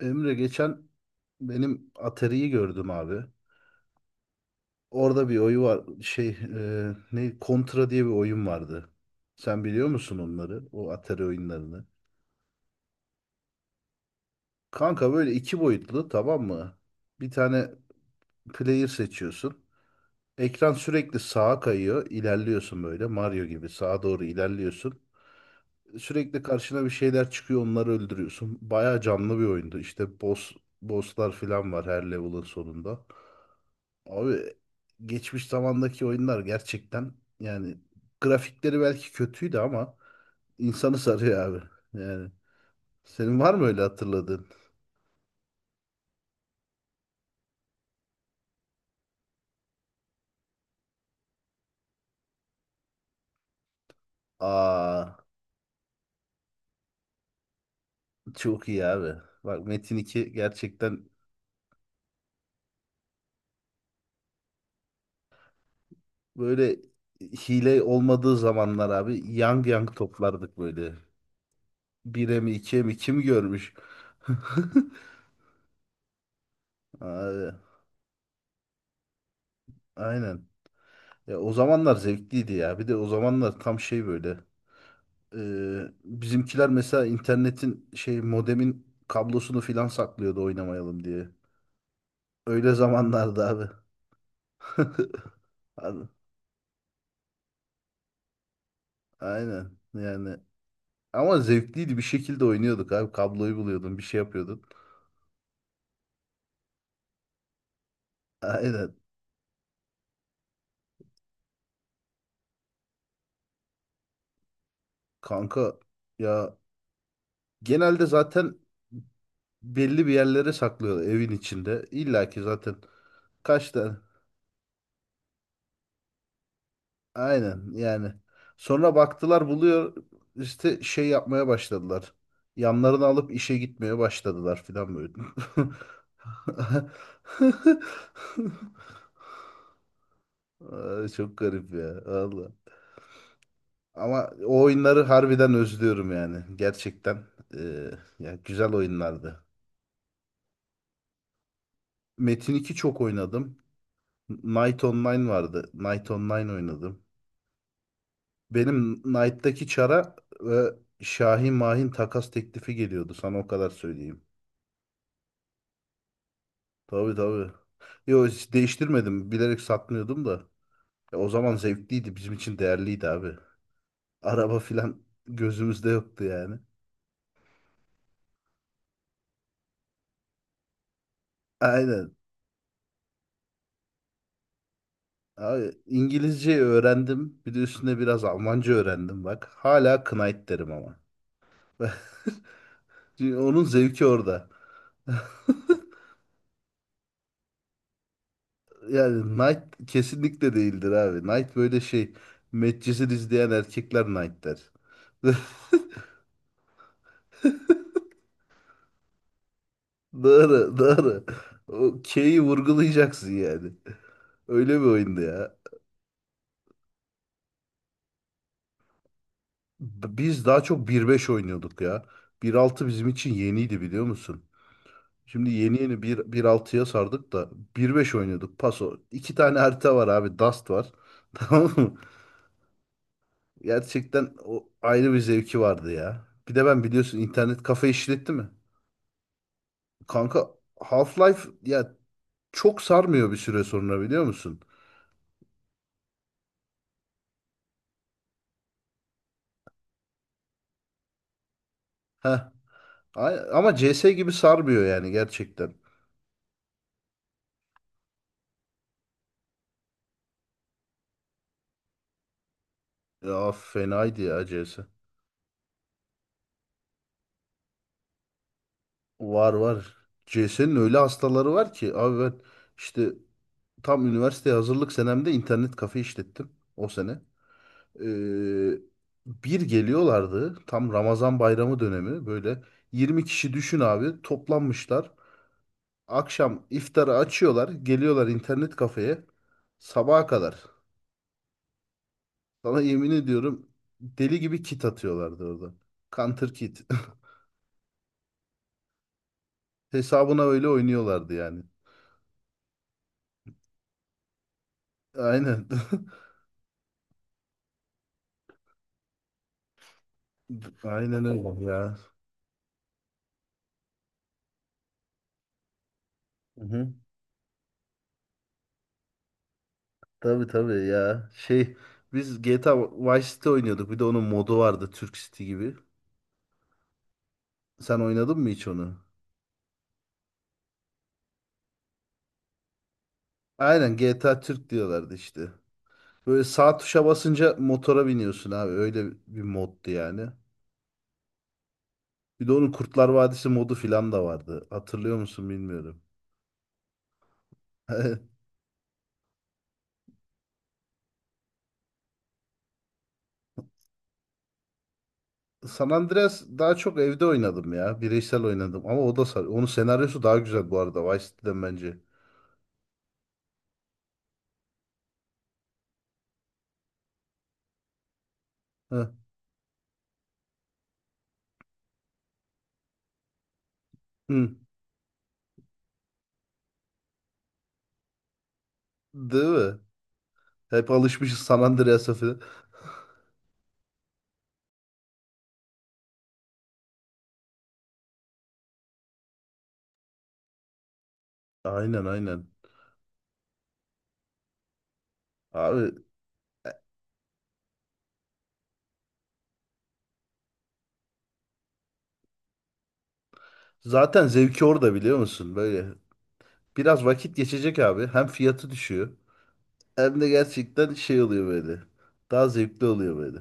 Emre geçen benim Atari'yi gördüm abi. Orada bir oyu var. Şey ne Contra diye bir oyun vardı. Sen biliyor musun onları? O Atari oyunlarını. Kanka böyle iki boyutlu, tamam mı? Bir tane player seçiyorsun. Ekran sürekli sağa kayıyor. İlerliyorsun böyle, Mario gibi sağa doğru ilerliyorsun. Sürekli karşına bir şeyler çıkıyor, onları öldürüyorsun. Bayağı canlı bir oyundu. İşte bosslar falan var her level'ın sonunda. Abi geçmiş zamandaki oyunlar gerçekten, yani grafikleri belki kötüydü ama insanı sarıyor abi. Yani senin var mı öyle hatırladığın? Aa, çok iyi abi. Bak, Metin 2 gerçekten böyle hile olmadığı zamanlar abi yang yang toplardık böyle. 1'e mi 2'ye mi kim görmüş? Abi aynen. Ya o zamanlar zevkliydi ya. Bir de o zamanlar tam şey böyle. Bizimkiler mesela internetin şey, modemin kablosunu filan saklıyordu oynamayalım diye. Öyle zamanlardı abi. Abi, aynen yani. Ama zevkliydi, bir şekilde oynuyorduk abi. Kabloyu buluyordun, bir şey yapıyordun. Aynen kanka, ya genelde zaten belli bir yerlere saklıyorlar evin içinde. İlla ki zaten kaç tane. Aynen yani. Sonra baktılar buluyor, işte şey yapmaya başladılar. Yanlarını alıp işe gitmeye başladılar filan böyle. Ay, çok garip ya valla. Ama o oyunları harbiden özlüyorum yani. Gerçekten ya güzel oyunlardı. Metin 2 çok oynadım. Knight Online vardı. Knight Online oynadım. Benim Knight'taki çara ve Şahin Mahin takas teklifi geliyordu. Sana o kadar söyleyeyim. Tabii tabii. Yo, hiç değiştirmedim. Bilerek satmıyordum da. Ya, o zaman zevkliydi. Bizim için değerliydi abi. Araba filan gözümüzde yoktu yani. Aynen. Abi İngilizce öğrendim. Bir de üstüne biraz Almanca öğrendim bak. Hala Knight derim ama. Çünkü onun zevki orada. Yani Knight kesinlikle değildir abi. Knight böyle şey. Medcezir izleyen erkekler Knight der. Doğru, doğru. O K'yi vurgulayacaksın yani. Öyle bir oyundu ya. Biz daha çok bir beş oynuyorduk ya. Bir altı bizim için yeniydi, biliyor musun? Şimdi yeni yeni bir 1.6'ya sardık da bir beş oynuyorduk. Paso. İki tane harita var abi. Dust var. Tamam mı? Gerçekten o ayrı bir zevki vardı ya. Bir de ben biliyorsun internet kafe işletti mi? Kanka Half-Life ya çok sarmıyor bir süre sonra, biliyor musun? Heh. Ama CS gibi sarmıyor yani gerçekten. Ya fenaydı ya CS. Var var. CS'nin öyle hastaları var ki abi, ben işte tam üniversiteye hazırlık senemde internet kafe işlettim o sene. Ee, bir geliyorlardı tam Ramazan bayramı dönemi, böyle 20 kişi düşün abi, toplanmışlar. Akşam iftarı açıyorlar, geliyorlar internet kafeye sabaha kadar. Sana yemin ediyorum, deli gibi kit atıyorlardı orada. Counter kit. Hesabına öyle oynuyorlardı yani. Aynen. Aynen öyle ya. Hı hı. Tabii tabii ya. Şey, biz GTA Vice City oynuyorduk. Bir de onun modu vardı, Türk City gibi. Sen oynadın mı hiç onu? Aynen, GTA Türk diyorlardı işte. Böyle sağ tuşa basınca motora biniyorsun abi. Öyle bir moddu yani. Bir de onun Kurtlar Vadisi modu filan da vardı. Hatırlıyor musun bilmiyorum. San Andreas daha çok evde oynadım ya. Bireysel oynadım ama o da sar. Onun senaryosu daha güzel bu arada Vice City'den bence. Heh. Hı. Değil mi? Hep alışmışız San Andreas'a falan. Aynen aynen. Abi zaten zevki orada, biliyor musun? Böyle biraz vakit geçecek abi. Hem fiyatı düşüyor hem de gerçekten şey oluyor böyle. Daha zevkli oluyor böyle.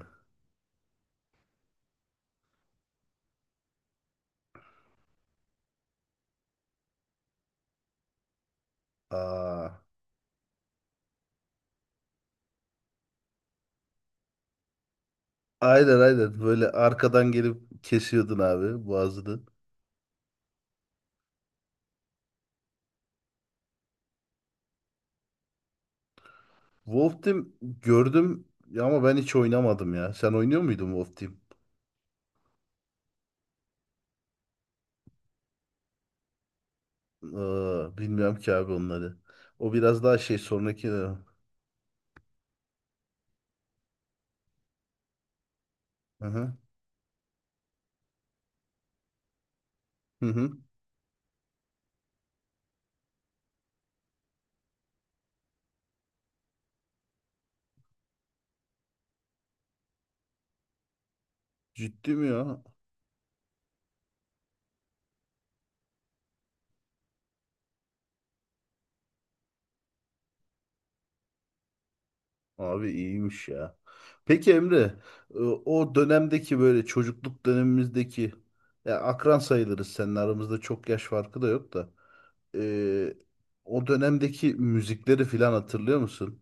Aa, aynen aynen. Böyle arkadan gelip kesiyordun abi boğazını. Wolf Team gördüm ya, ama ben hiç oynamadım ya. Sen oynuyor muydun Wolf Team? Aa, bilmiyorum ki abi onları. O biraz daha şey sonraki... Hı hı. Hı hı. Ciddi mi ya? Abi iyiymiş ya. Peki Emre, o dönemdeki böyle çocukluk dönemimizdeki, ya akran sayılırız, senin aramızda çok yaş farkı da yok da. E, o dönemdeki müzikleri filan hatırlıyor musun?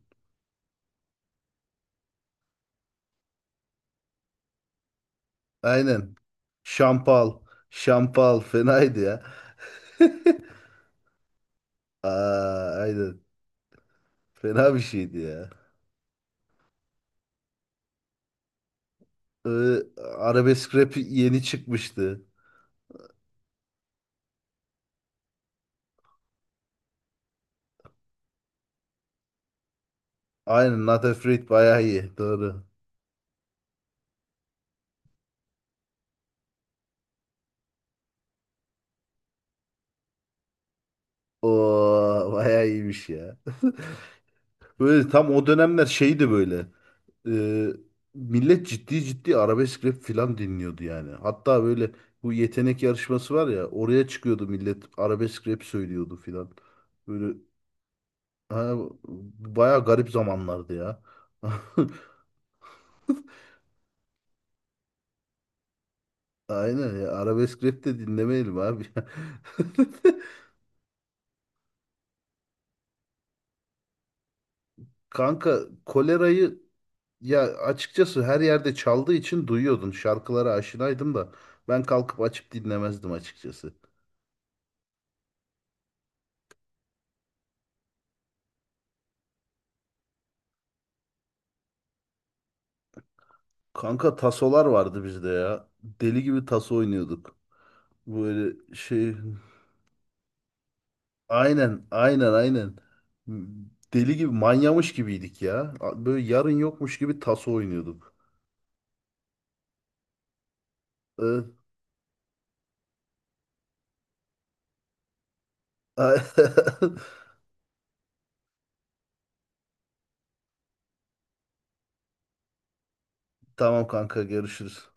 Aynen. Şampal, şampal fenaydı ya. Aa, aynen. Fena bir şeydi ya. E, arabesk rap yeni çıkmıştı. Aynen, Not Afraid bayağı iyi. Doğru. Oo, bayağı iyiymiş ya. Böyle tam o dönemler şeydi böyle. e, millet ciddi ciddi arabesk rap filan dinliyordu yani. Hatta böyle bu yetenek yarışması var ya, oraya çıkıyordu millet arabesk rap söylüyordu filan. Böyle ha, baya garip zamanlardı ya. Aynen ya, arabesk rap de dinlemeyelim abi. Kanka kolerayı ya, açıkçası her yerde çaldığı için duyuyordun. Şarkılara aşinaydım da ben kalkıp açıp dinlemezdim açıkçası. Kanka tasolar vardı bizde ya. Deli gibi taso oynuyorduk. Böyle şey... Aynen, aynen, aynen. Deli gibi, manyamış gibiydik ya. Böyle yarın yokmuş gibi taso oynuyorduk. Ee, Tamam kanka, görüşürüz.